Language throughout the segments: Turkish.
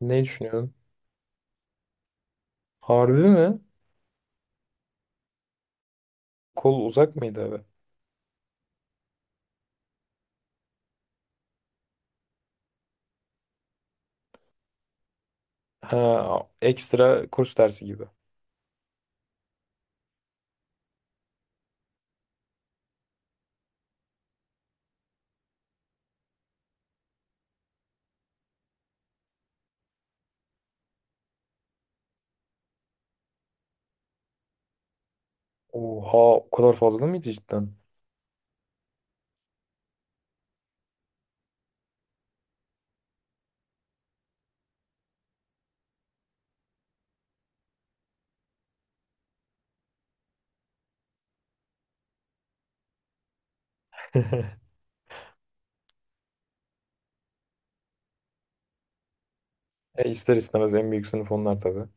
Ne düşünüyorsun? Harbi mi? Kol uzak mıydı abi? Ha, ekstra kurs dersi gibi. Oha, o kadar fazla mıydı cidden? E, ister istemez en büyük sınıf onlar tabii.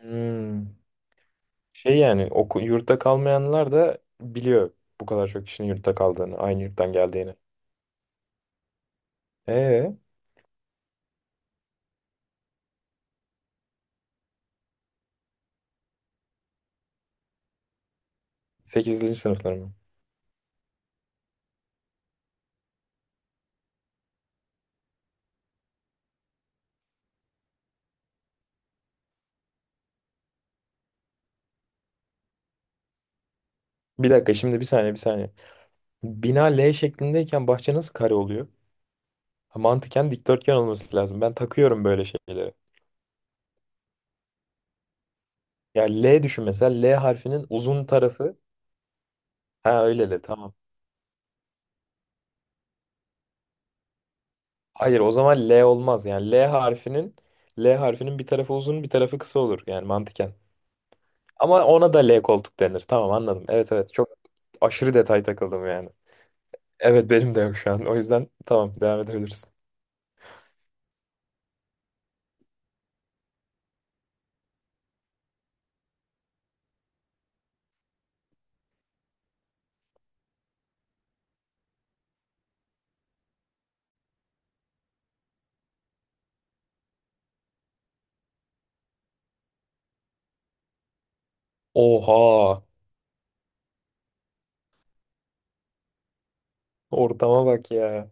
Hmm. Şey yani yurtta kalmayanlar da biliyor bu kadar çok kişinin yurtta kaldığını, aynı yurttan geldiğini. Ee, Sekizinci sınıflar mı? Bir dakika, şimdi bir saniye, bir saniye. Bina L şeklindeyken bahçe nasıl kare oluyor? Ha, mantıken dikdörtgen olması lazım. Ben takıyorum böyle şeyleri. Ya L düşün mesela, L harfinin uzun tarafı. Ha, öyle de tamam. Hayır, o zaman L olmaz. Yani L harfinin bir tarafı uzun, bir tarafı kısa olur yani mantıken. Ama ona da L koltuk denir. Tamam, anladım. Evet evet, çok aşırı detay takıldım yani. Evet, benim de yok şu an. O yüzden tamam, devam edebilirsin. Oha! Ortama bak ya.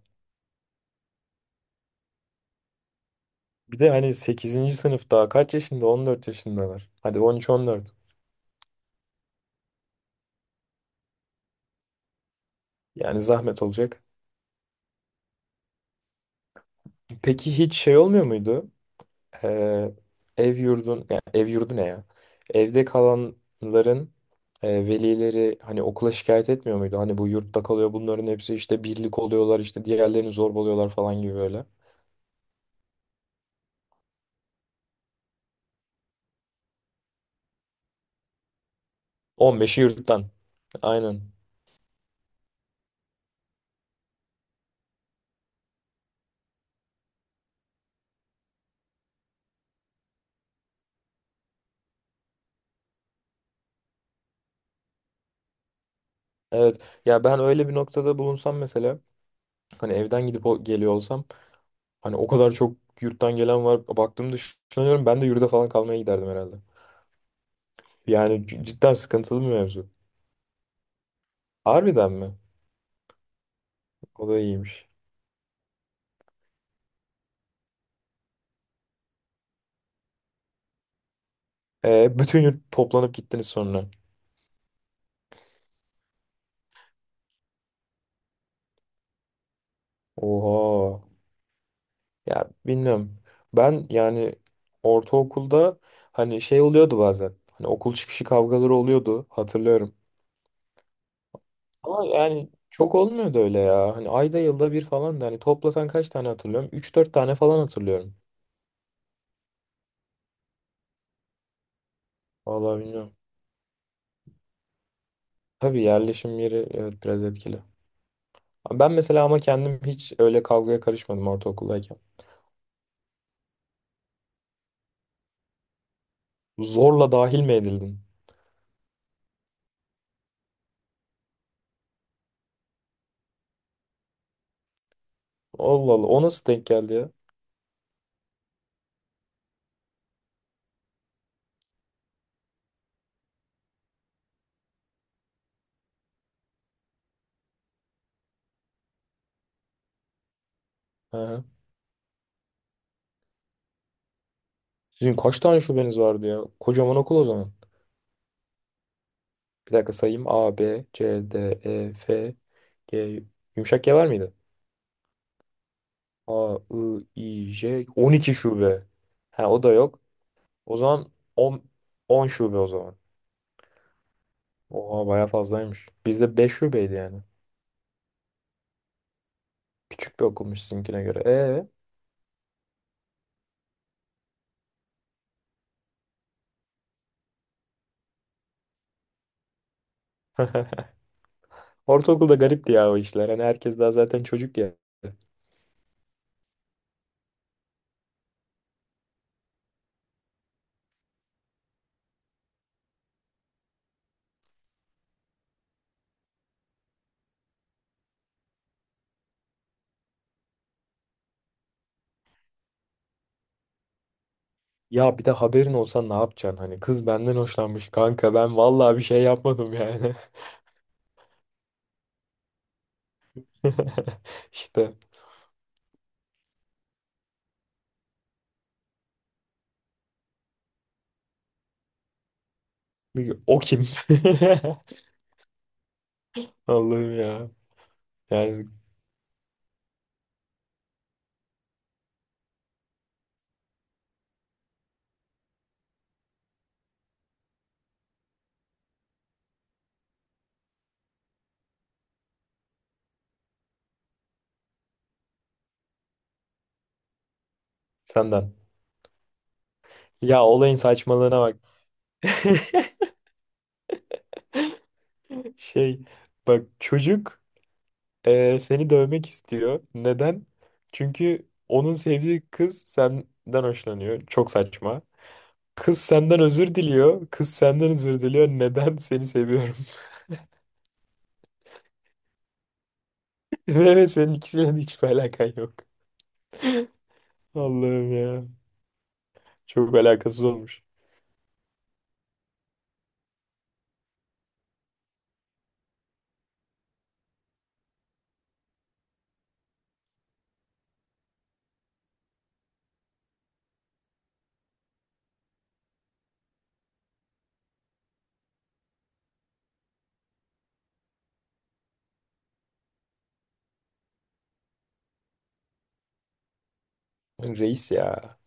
Bir de hani sekizinci sınıf daha kaç yaşında? 14 yaşındalar. Hadi 13-14. Yani zahmet olacak. Peki hiç şey olmuyor muydu? Ee, Ya ev yurdu ne ya? Evde kalanların velileri hani okula şikayet etmiyor muydu? Hani bu yurtta kalıyor bunların hepsi, işte birlik oluyorlar, işte diğerlerini zorbalıyorlar falan gibi böyle. 15'i yurttan. Aynen. Evet. Ya ben öyle bir noktada bulunsam mesela, hani evden gidip geliyor olsam. Hani o kadar çok yurttan gelen var. Baktığımda düşünüyorum, ben de yurda falan kalmaya giderdim herhalde. Yani cidden sıkıntılı bir mevzu. Harbiden mi? O da iyiymiş. E, bütün yurt toplanıp gittiniz sonra. Oha. Ya bilmiyorum. Ben yani ortaokulda hani şey oluyordu bazen. Hani okul çıkışı kavgaları oluyordu, hatırlıyorum. Ama yani çok olmuyordu öyle ya. Hani ayda yılda bir falan, da hani toplasan kaç tane hatırlıyorum? Üç dört tane falan hatırlıyorum. Vallahi bilmiyorum. Tabii, yerleşim yeri, evet, biraz etkili. Ben mesela ama kendim hiç öyle kavgaya karışmadım ortaokuldayken. Zorla dahil mi edildim? Allah Allah, o nasıl denk geldi ya? Aha. Sizin kaç tane şubeniz vardı ya? Kocaman okul o zaman. Bir dakika sayayım. A, B, C, D, E, F, G. Yumuşak G var mıydı? A, I, I, J. 12 şube. Ha, o da yok. O zaman on şube o zaman. Oha, baya fazlaymış. Bizde 5 şubeydi yani. Küçük bir okulmuş sizinkine göre. Ortaokulda garipti ya o işler. Hani herkes daha zaten çocuk ya. Ya bir de haberin olsa ne yapacaksın? Hani kız benden hoşlanmış kanka, ben vallahi bir şey yapmadım yani. İşte o kim? Allah'ım ya. Yani senden. Ya olayın saçmalığına bak. Şey, bak çocuk seni dövmek istiyor. Neden? Çünkü onun sevdiği kız senden hoşlanıyor. Çok saçma. Kız senden özür diliyor. Kız senden özür diliyor. Neden? Seni seviyorum. Ve senin ikisiyle de hiçbir alakan yok. Allah'ım ya. Çok alakasız olmuş. Reis ya.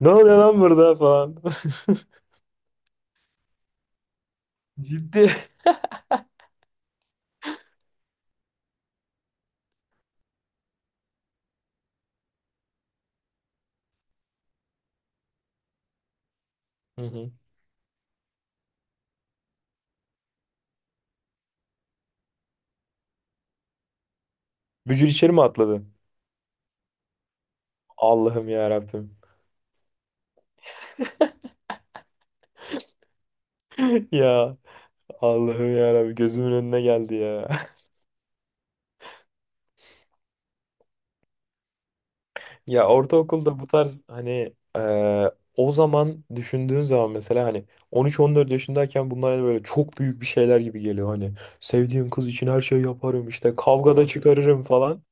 Ne oluyor lan burada falan. Ciddi. Hı hı. Bücür içeri mi atladı? Allah'ım ya Rabbim. Ya, Allah'ım ya Rabbim, gözümün önüne geldi ya. Ya ortaokulda bu tarz hani, o zaman düşündüğün zaman mesela, hani 13-14 yaşındayken bunlar hani böyle çok büyük bir şeyler gibi geliyor. Hani sevdiğim kız için her şey yaparım, işte kavgada, doğru, çıkarırım falan.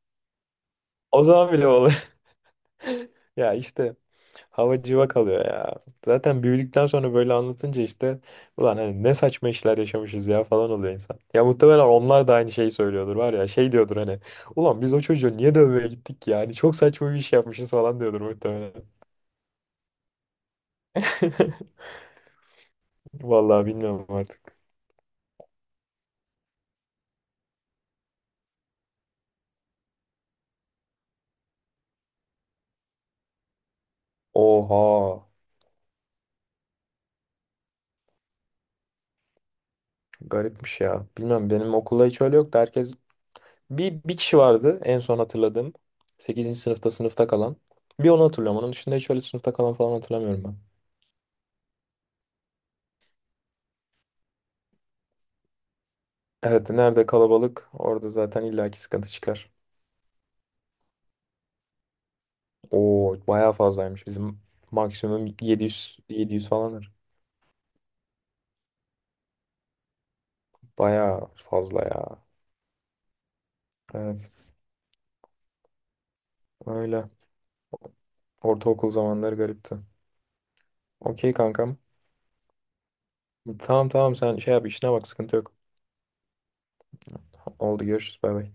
O zaman bile olur. Ya işte hava civa kalıyor ya. Zaten büyüdükten sonra böyle anlatınca işte, ulan hani ne saçma işler yaşamışız ya falan oluyor insan. Ya muhtemelen onlar da aynı şeyi söylüyordur, var ya şey diyordur hani, ulan biz o çocuğu niye dövmeye gittik ki yani, çok saçma bir iş yapmışız falan diyordur muhtemelen. Vallahi bilmiyorum artık. Oha. Garipmiş ya. Bilmem, benim okulda hiç öyle yoktu. Herkes, bir kişi vardı en son hatırladığım. Sekizinci sınıfta kalan. Bir onu hatırlıyorum. Onun dışında hiç öyle sınıfta kalan falan hatırlamıyorum ben. Evet, nerede kalabalık orada zaten illaki sıkıntı çıkar. Oo, bayağı fazlaymış. Bizim maksimum 700 700 falanır. Bayağı fazla ya. Evet, öyle. Ortaokul zamanları garipti. Okey kankam. Tamam tamam, sen şey yap, işine bak, sıkıntı yok. Oldu, görüşürüz, bay bay.